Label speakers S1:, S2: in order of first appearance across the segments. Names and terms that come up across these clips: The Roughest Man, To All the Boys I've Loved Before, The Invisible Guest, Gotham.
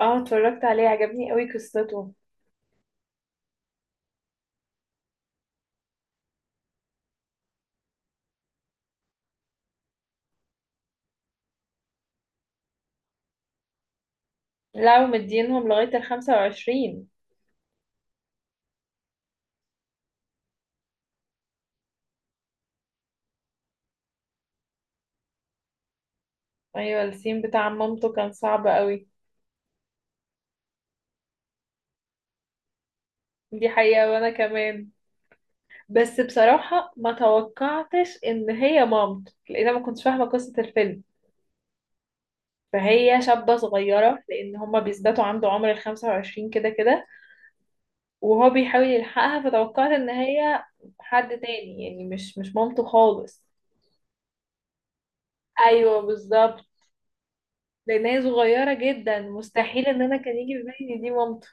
S1: اه، اتفرجت عليه، عجبني قوي قصته. لا، ومدينهم لغاية 25. ايوه، السين بتاع عمامته كان صعب قوي. دي حقيقة وانا كمان. بس بصراحة ما توقعتش ان هي مامته، لان انا ما كنتش فاهمة قصة الفيلم. فهي شابة صغيرة، لان هما بيثبتوا عنده عمر 25 كده كده، وهو بيحاول يلحقها، فتوقعت ان هي حد تاني، يعني مش مامته خالص. ايوه بالظبط. لان هي صغيرة جدا، مستحيل ان انا كان يجي في بالي إن دي مامته.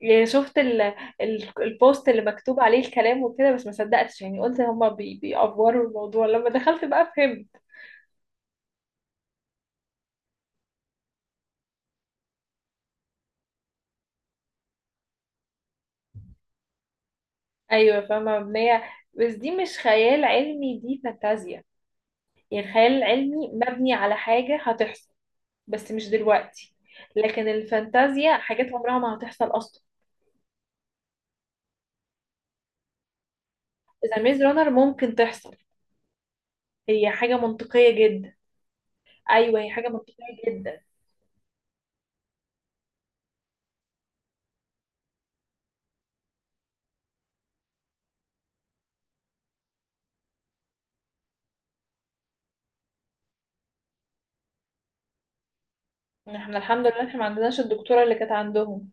S1: يعني شفت البوست اللي مكتوب عليه الكلام وكده، بس ما صدقتش، يعني قلت هما بيأفوروا الموضوع، لما دخلت بقى فهمت. ايوه فاهمه مبنيه. بس دي مش خيال علمي، دي فانتازيا. يعني الخيال العلمي مبني على حاجه هتحصل، بس مش دلوقتي. لكن الفانتازيا حاجات عمرها ما هتحصل اصلا. اذا ميز رانر ممكن تحصل، هي حاجه منطقيه جدا. ايوه هي حاجه منطقيه جدا. احنا الحمد لله احنا ما عندناش الدكتوره اللي كانت عندهم.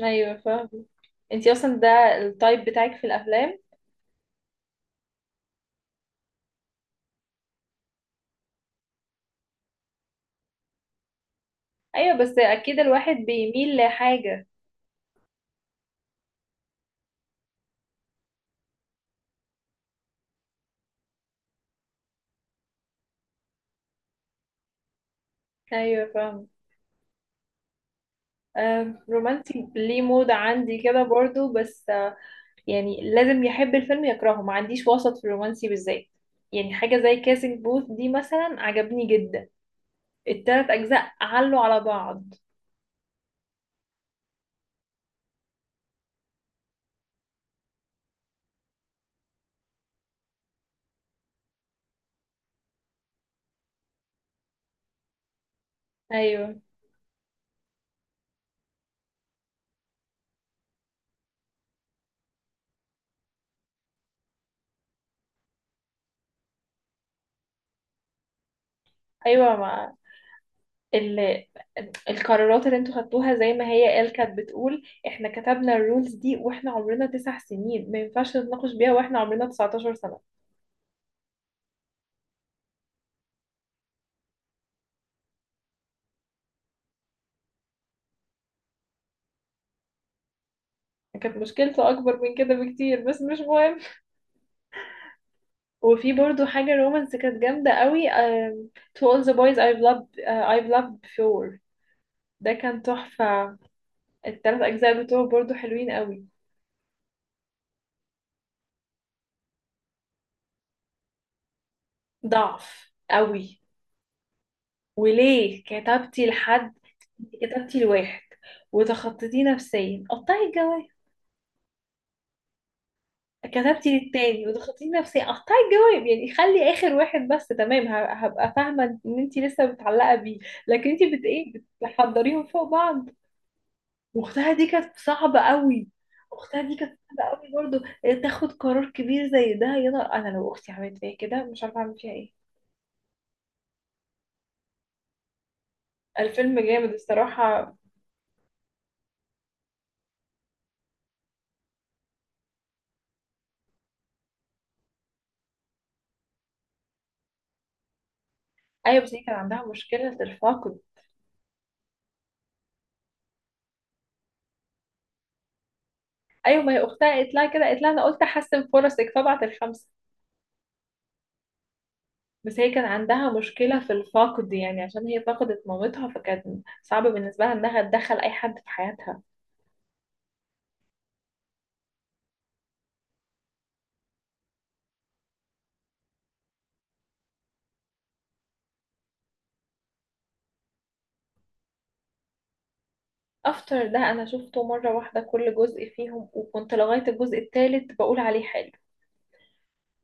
S1: ايوه فاهمة. انتي اصلا ده التايب بتاعك في الافلام؟ ايوه بس اكيد الواحد بيميل لحاجة. ايوه فاهمة. آه، رومانسي ليه مود عندي كده برضو، بس آه، يعني لازم يحب الفيلم يكرهه، ما عنديش وسط في الرومانسي بالذات. يعني حاجة زي كاسينج بوث دي مثلا عجبني جدا. ال3 اجزاء علوا على بعض. ايوه ايوه، ما ال... القرارات اللي انتوا خدتوها زي ما هي قال، كانت بتقول احنا كتبنا الرولز دي واحنا عمرنا 9 سنين، ما ينفعش نتناقش بيها واحنا عمرنا 19 سنة. كانت مشكلته اكبر من كده بكتير، بس مش مهم. وفي برضو حاجة رومانس كانت جامدة قوي، To all the boys I've loved before. ده كان تحفة. ال3 أجزاء بتوعه برضو حلوين قوي. ضعف قوي. وليه كتبتي لحد؟ كتبتي لواحد وتخطيتيه نفسيا، قطعي الجواز. كتبتي للتاني وضغطتي نفسي اقطعي الجواب، يعني خلي اخر واحد بس تمام، هبقى فاهمه ان انت لسه متعلقه بيه. لكن انت بت ايه، بتحضريهم فوق بعض. واختها دي كانت صعبه قوي. اختها دي كانت صعبه قوي برضو. تاخد قرار كبير زي ده، يا نهار. انا لو اختي عملت فيا كده مش عارفه اعمل فيها ايه. الفيلم جامد الصراحه. ايوه بس هي كان عندها مشكله الفاقد. ايوه، ما هي اختها قالت لها كده، قالت لها انا قلت احسن فرصك فبعت الخمسه. بس هي كان عندها مشكلة في الفقد، يعني عشان هي فقدت مامتها، فكان صعب بالنسبة لها انها تدخل اي حد في حياتها. افتر ده انا شفته مرة واحدة كل جزء فيهم، وكنت لغاية الجزء الثالث بقول عليه حلو،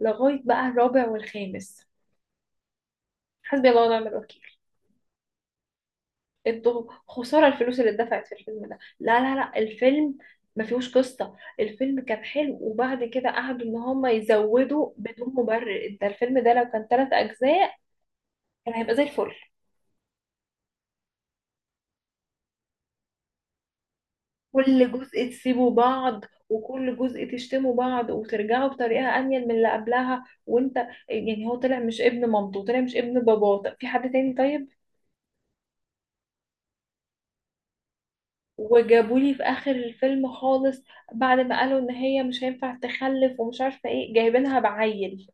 S1: لغاية بقى الرابع والخامس. حسبي الله ونعم الوكيل. انتوا خسارة الفلوس اللي اتدفعت في الفيلم ده. لا لا لا، الفيلم ما فيهوش، قصة الفيلم كان حلو، وبعد كده قعدوا ان هم يزودوا بدون مبرر. ده الفيلم ده لو كان 3 اجزاء كان هيبقى زي الفل. كل جزء تسيبوا بعض، وكل جزء تشتموا بعض، وترجعوا بطريقة أنيل من اللي قبلها، وانت يعني هو طلع مش ابن مامته، طلع مش ابن باباه، طب في حد تاني طيب؟ وجابولي في آخر الفيلم خالص، بعد ما قالوا إن هي مش هينفع تخلف ومش عارفة ايه، جايبينها بعيل،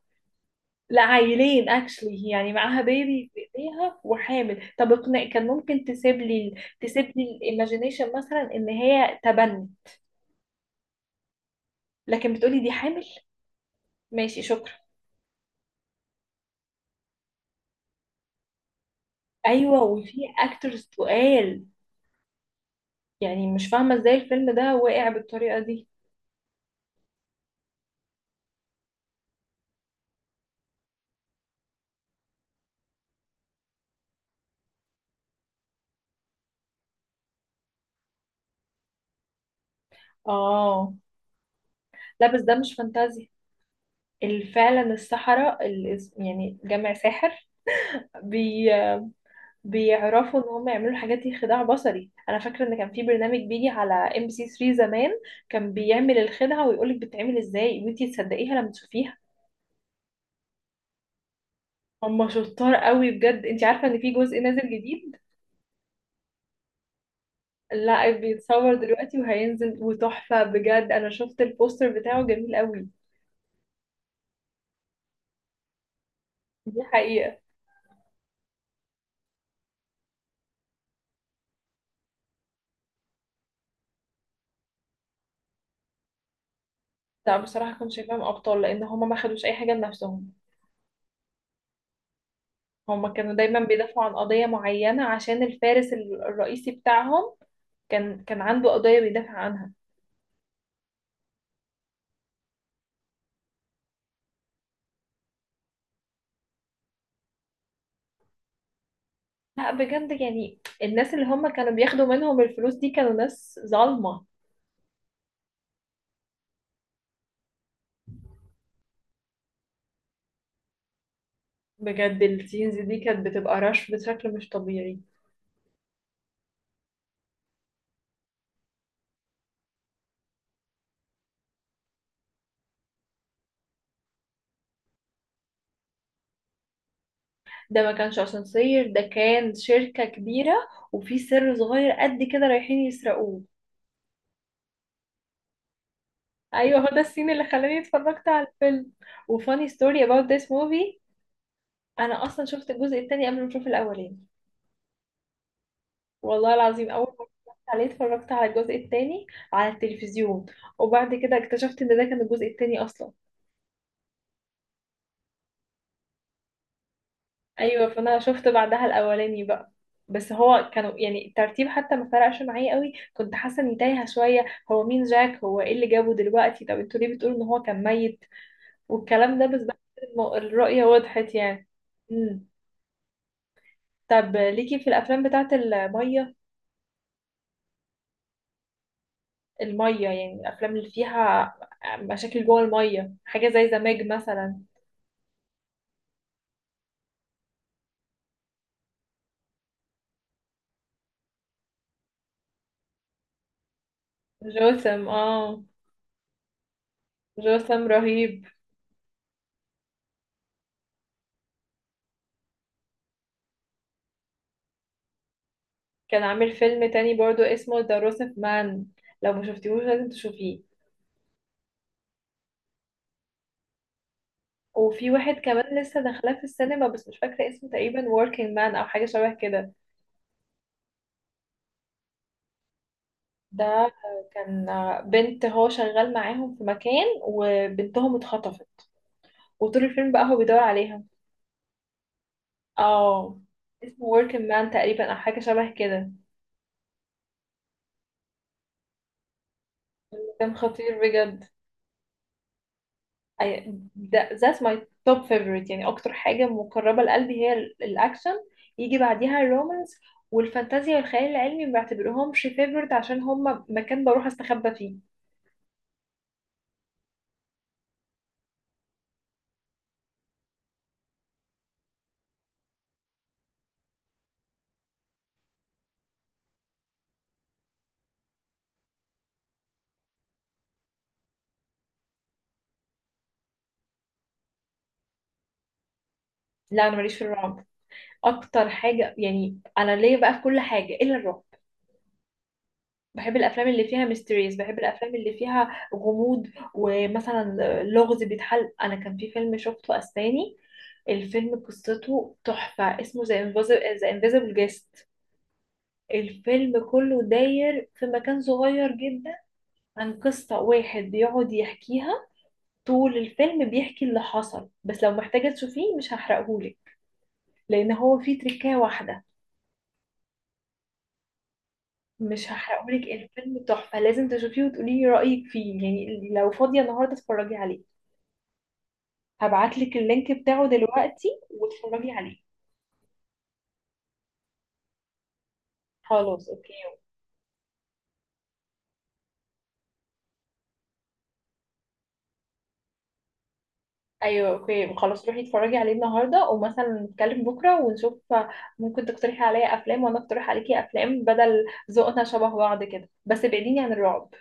S1: لا عيلين اكشلي، يعني معاها بيبي في ايديها وحامل. طب اقنع، كان ممكن تسيب لي، تسيب لي الايماجينيشن مثلا ان هي تبني، لكن بتقولي دي حامل، ماشي شكرا. ايوه وفي اكترز تقال، يعني مش فاهمه ازاي الفيلم ده واقع بالطريقه دي. اه. لا بس ده مش فانتازيا. فعلا السحرة، يعني جمع ساحر، بي بيعرفوا ان هم يعملوا الحاجات دي، خداع بصري. انا فاكره ان كان في برنامج بيجي على ام بي سي 3 زمان، كان بيعمل الخدعه ويقولك بتتعمل ازاي، وانتي تصدقيها لما تشوفيها. هم شطار قوي بجد. انتي عارفه ان في جزء نازل جديد؟ لا بيتصور دلوقتي وهينزل، وتحفة بجد، أنا شفت البوستر بتاعه جميل قوي. دي حقيقة. لا بصراحة كنت شايفاهم أبطال، لأن هما ما خدوش أي حاجة لنفسهم. هما كانوا دايما بيدافعوا عن قضية معينة، عشان الفارس الرئيسي بتاعهم كان عنده قضية بيدافع عنها. لا بجد، يعني الناس اللي هما كانوا بياخدوا منهم الفلوس دي كانوا ناس ظالمة. بجد السينز دي كانت بتبقى رش بشكل مش طبيعي. ده ما كانش اسانسير، ده كان شركة كبيرة، وفي سر صغير قد كده رايحين يسرقوه. ايوه هو ده السين اللي خلاني اتفرجت على الفيلم. وفاني ستوري about this movie. انا اصلا شفت الجزء التاني قبل ما اشوف الاولاني. والله العظيم اول ما اتفرجت عليه اتفرجت على الجزء التاني على التلفزيون، وبعد كده اكتشفت ان ده كان الجزء التاني اصلا. ايوه فانا شفت بعدها الاولاني بقى. بس هو كانوا يعني الترتيب حتى ما فرقش معايا قوي، كنت حاسه اني تايهه شويه. هو مين جاك؟ هو ايه اللي جابه دلوقتي؟ طب انتوا ليه بتقولوا ان هو كان ميت والكلام ده؟ بس بعد كده الرؤيه وضحت يعني. امم. طب ليكي في الافلام بتاعه الميه؟ الميه يعني الافلام اللي فيها مشاكل جوه الميه، حاجه زي زماج مثلا. جوثام، اه، جوثام رهيب. كان عامل فيلم تاني برضو اسمه ذا روسف مان، لو ما شفتيهوش لازم تشوفيه. وفي واحد كمان لسه داخلاه في السينما بس مش فاكرة اسمه، تقريبا working man أو حاجة شبه كده. ده كان بنت، هو شغال معاهم في مكان وبنتهم اتخطفت، وطول الفيلم بقى هو بيدور عليها. اه، اسمه working man تقريبا أو حاجة شبه كده. كان خطير بجد. I- ده that's my top favorite. يعني أكتر حاجة مقربة لقلبي هي الأكشن. يجي بعديها الرومانس، والفانتازيا والخيال العلمي ما بعتبرهمش favorite، عشان هما مكان بروح استخبى فيه. لا أنا ماليش في الرعب. اكتر حاجه يعني انا ليا بقى في كل حاجه الا الرعب. بحب الافلام اللي فيها ميستريز، بحب الافلام اللي فيها غموض. ومثلا لغز بيتحل. انا كان في فيلم شفته اسباني، الفيلم قصته تحفه، اسمه ذا انفيزبل جيست. الفيلم كله داير في مكان صغير جدا، عن قصة واحد بيقعد يحكيها طول الفيلم، بيحكي اللي حصل. بس لو محتاجة تشوفيه مش هحرقهولك، لأن هو فيه تركاية واحدة. مش هحرقهولك، الفيلم تحفة لازم تشوفيه وتقولي لي رأيك فيه. يعني لو فاضية النهاردة اتفرجي عليه، هبعتلك اللينك بتاعه دلوقتي واتفرجي عليه. خلاص اوكي. ايوه اوكي، خلاص روحي اتفرجي عليه النهارده، ومثلا نتكلم بكره ونشوف. ممكن تقترحي عليا افلام وانا اقترح عليكي افلام، بدل، ذوقنا شبه بعض كده، بس ابعديني عن الرعب.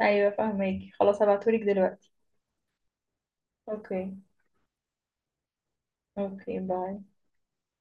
S1: ايوه فهماكي، خلاص هبعتهولك دلوقتي. اوكي. اوكي باي.